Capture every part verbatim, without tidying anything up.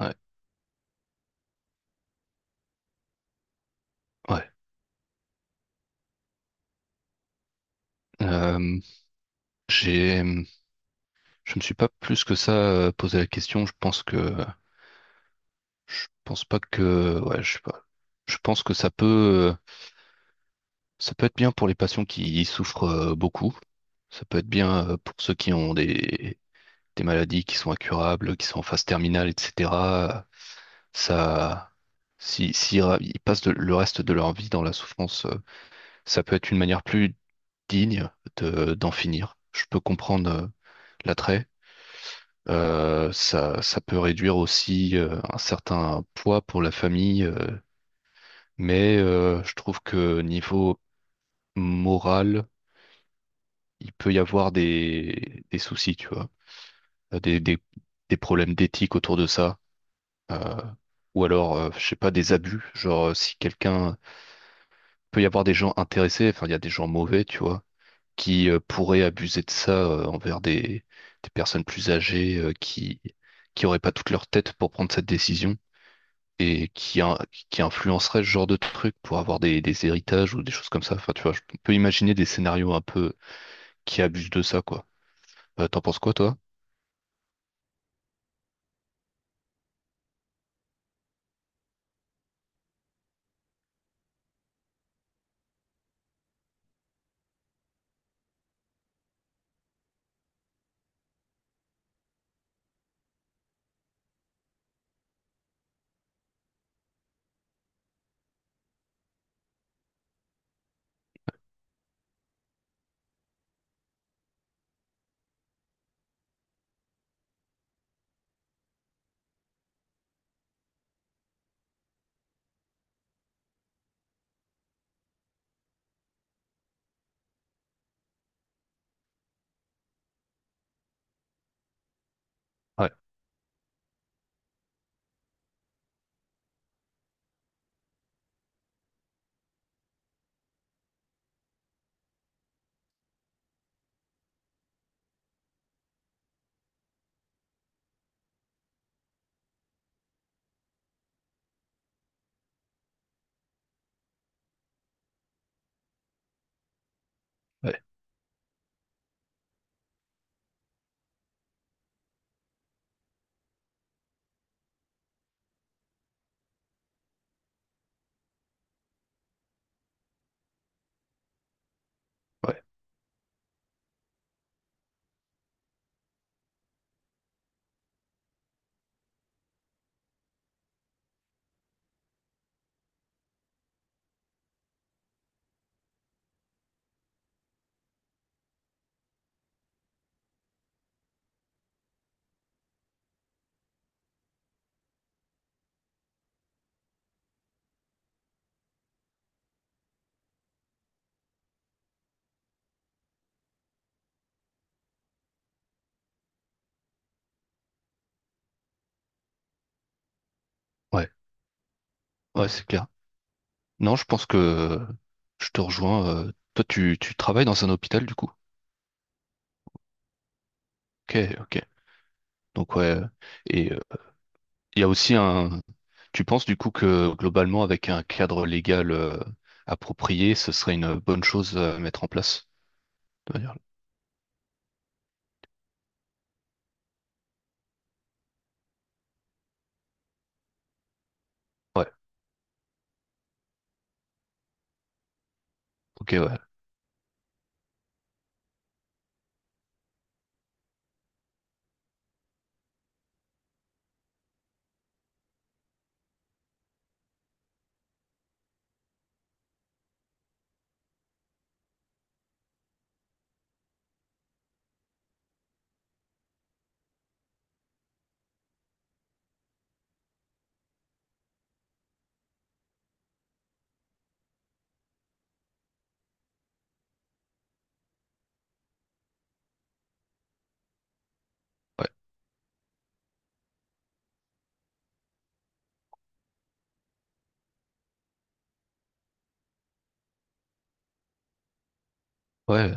Ouais, ouais. Euh, j'ai, hum, je me suis pas plus que ça euh, posé la question. Je pense que, je pense pas que, ouais, je sais pas. Je pense que ça peut, euh, ça peut être bien pour les patients qui souffrent euh, beaucoup. Ça peut être bien euh, pour ceux qui ont des, des maladies qui sont incurables, qui sont en phase terminale, et cætera. Ça, si, si ra- ils passent de- le reste de leur vie dans la souffrance, euh, ça peut être une manière plus digne de, d'en finir. Je peux comprendre euh, l'attrait. Euh, ça, ça peut réduire aussi euh, un certain poids pour la famille, euh, mais euh, je trouve que niveau moral, il peut y avoir des, des soucis, tu vois. Euh, des, des, des problèmes d'éthique autour de ça, euh, ou alors, euh, je sais pas, des abus, genre euh, si quelqu'un peut y avoir des gens intéressés, enfin il y a des gens mauvais, tu vois, qui euh, pourraient abuser de ça euh, envers des, des personnes plus âgées euh, qui qui auraient pas toute leur tête pour prendre cette décision. Et qui, in- qui influencerait ce genre de truc pour avoir des, des héritages ou des choses comme ça. Enfin, tu vois, je peux imaginer des scénarios un peu qui abusent de ça, quoi. Euh, t'en penses quoi, toi? Ouais, ouais, ouais, ouais, ouais, c'est clair. Non, je pense que euh, je te rejoins. Euh, toi, tu, tu travailles dans un hôpital, du coup. Ok, ok. Donc, ouais. euh, Et euh, il y a aussi un. Tu penses, du coup, que globalement, avec un cadre légal euh, approprié, ce serait une bonne chose à mettre en place, de manière- Ouais, ok, ouais, ouais. Ouais,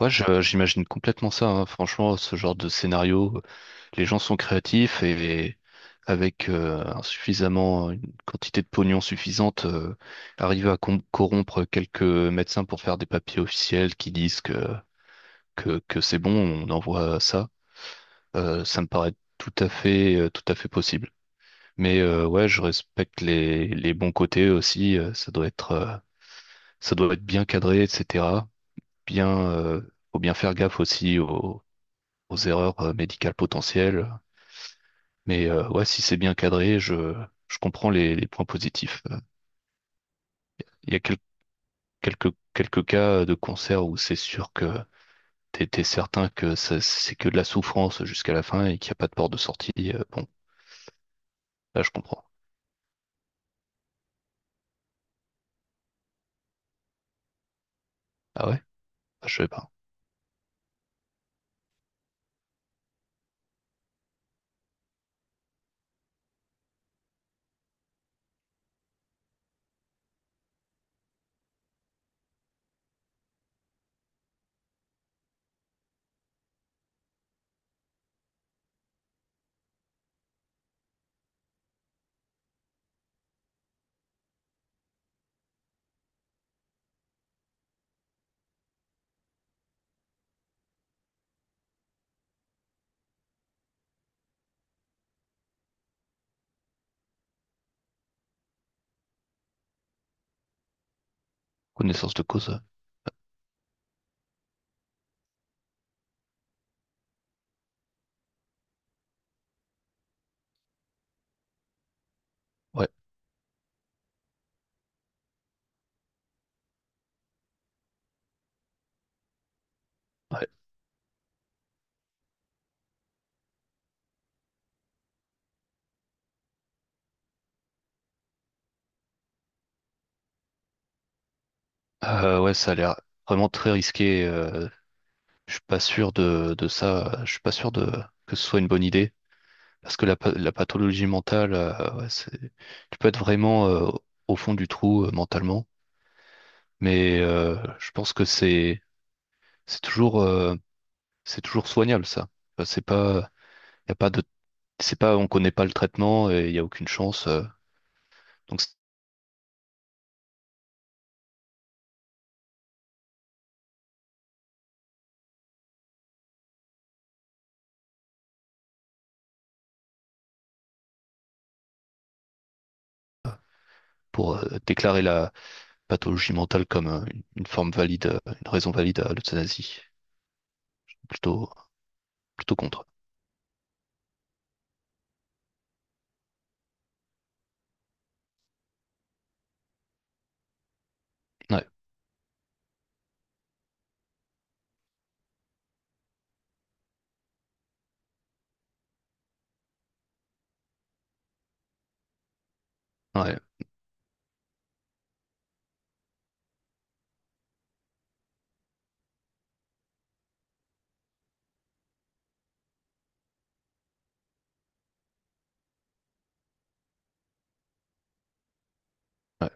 ouais, je- j'imagine complètement ça, hein. Franchement, ce genre de scénario, les gens sont créatifs et avec euh, un suffisamment, une quantité de pognon suffisante, euh, arriver à com- corrompre quelques médecins pour faire des papiers officiels qui disent que, que, que c'est bon, on envoie ça. Euh, ça me paraît tout à fait, euh, tout à fait possible. Mais euh, ouais, je respecte les, les bons côtés aussi. euh, ça doit être, euh, ça doit être bien cadré, et cætera. Bien, euh, faut bien faire gaffe aussi aux aux erreurs euh, médicales potentielles. Mais euh, ouais, si c'est bien cadré, je, je comprends les, les points positifs. Euh, Il y a quel- Quelques, quelques cas de cancer où c'est sûr que t'es, t'es certain que ça- c'est que de la souffrance jusqu'à la fin et qu'il n'y a pas de porte de sortie. Euh, bon, là je comprends. Ah ouais? Ah, je sais pas. Connaissance de cause. euh, Ouais, ouais. Euh, ouais, ça a l'air vraiment très risqué. Euh, je suis pas sûr de, de ça. Je suis pas sûr de que ce soit une bonne idée. Parce que la, pa- la pathologie mentale, euh, ouais, c'est, tu peux être vraiment euh, au fond du trou euh, mentalement, mais euh, je pense que c'est c'est toujours euh, c'est toujours soignable ça. Enfin, C'est pas y a pas de c'est pas on connaît pas le traitement et il y a aucune chance. Euh, donc c'est pour euh, déclarer la pathologie mentale comme euh, une, une forme valide, euh, une raison valide à l'euthanasie, plutôt plutôt contre. Ouais, ouais, ouais,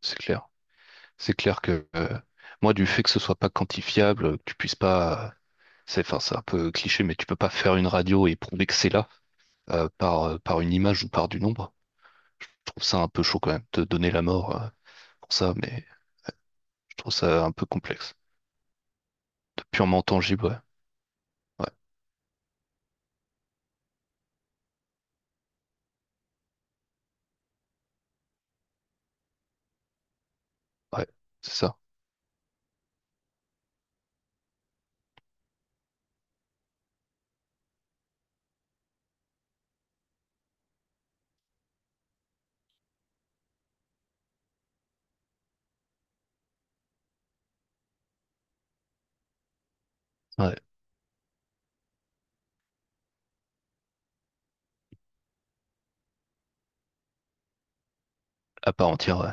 c'est clair. C'est clair que euh, moi du fait que ce soit pas quantifiable, que tu puisses pas C'est, enfin, c'est un peu cliché, mais tu peux pas faire une radio et prouver que c'est là euh, par, euh, par une image ou par du nombre. Je trouve ça un peu chaud quand même, de donner la mort euh, pour ça, mais je trouve ça un peu complexe. De purement tangible, ouais. Ouais, ouais, c'est ça. Ouais, à part entière, ouais.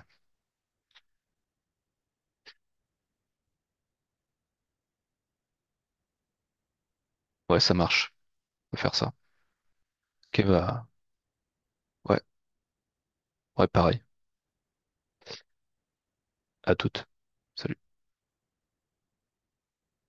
Ouais, ça marche. Peut faire ça. Ok, bah, ouais, ouais, pareil. À toutes. Salut.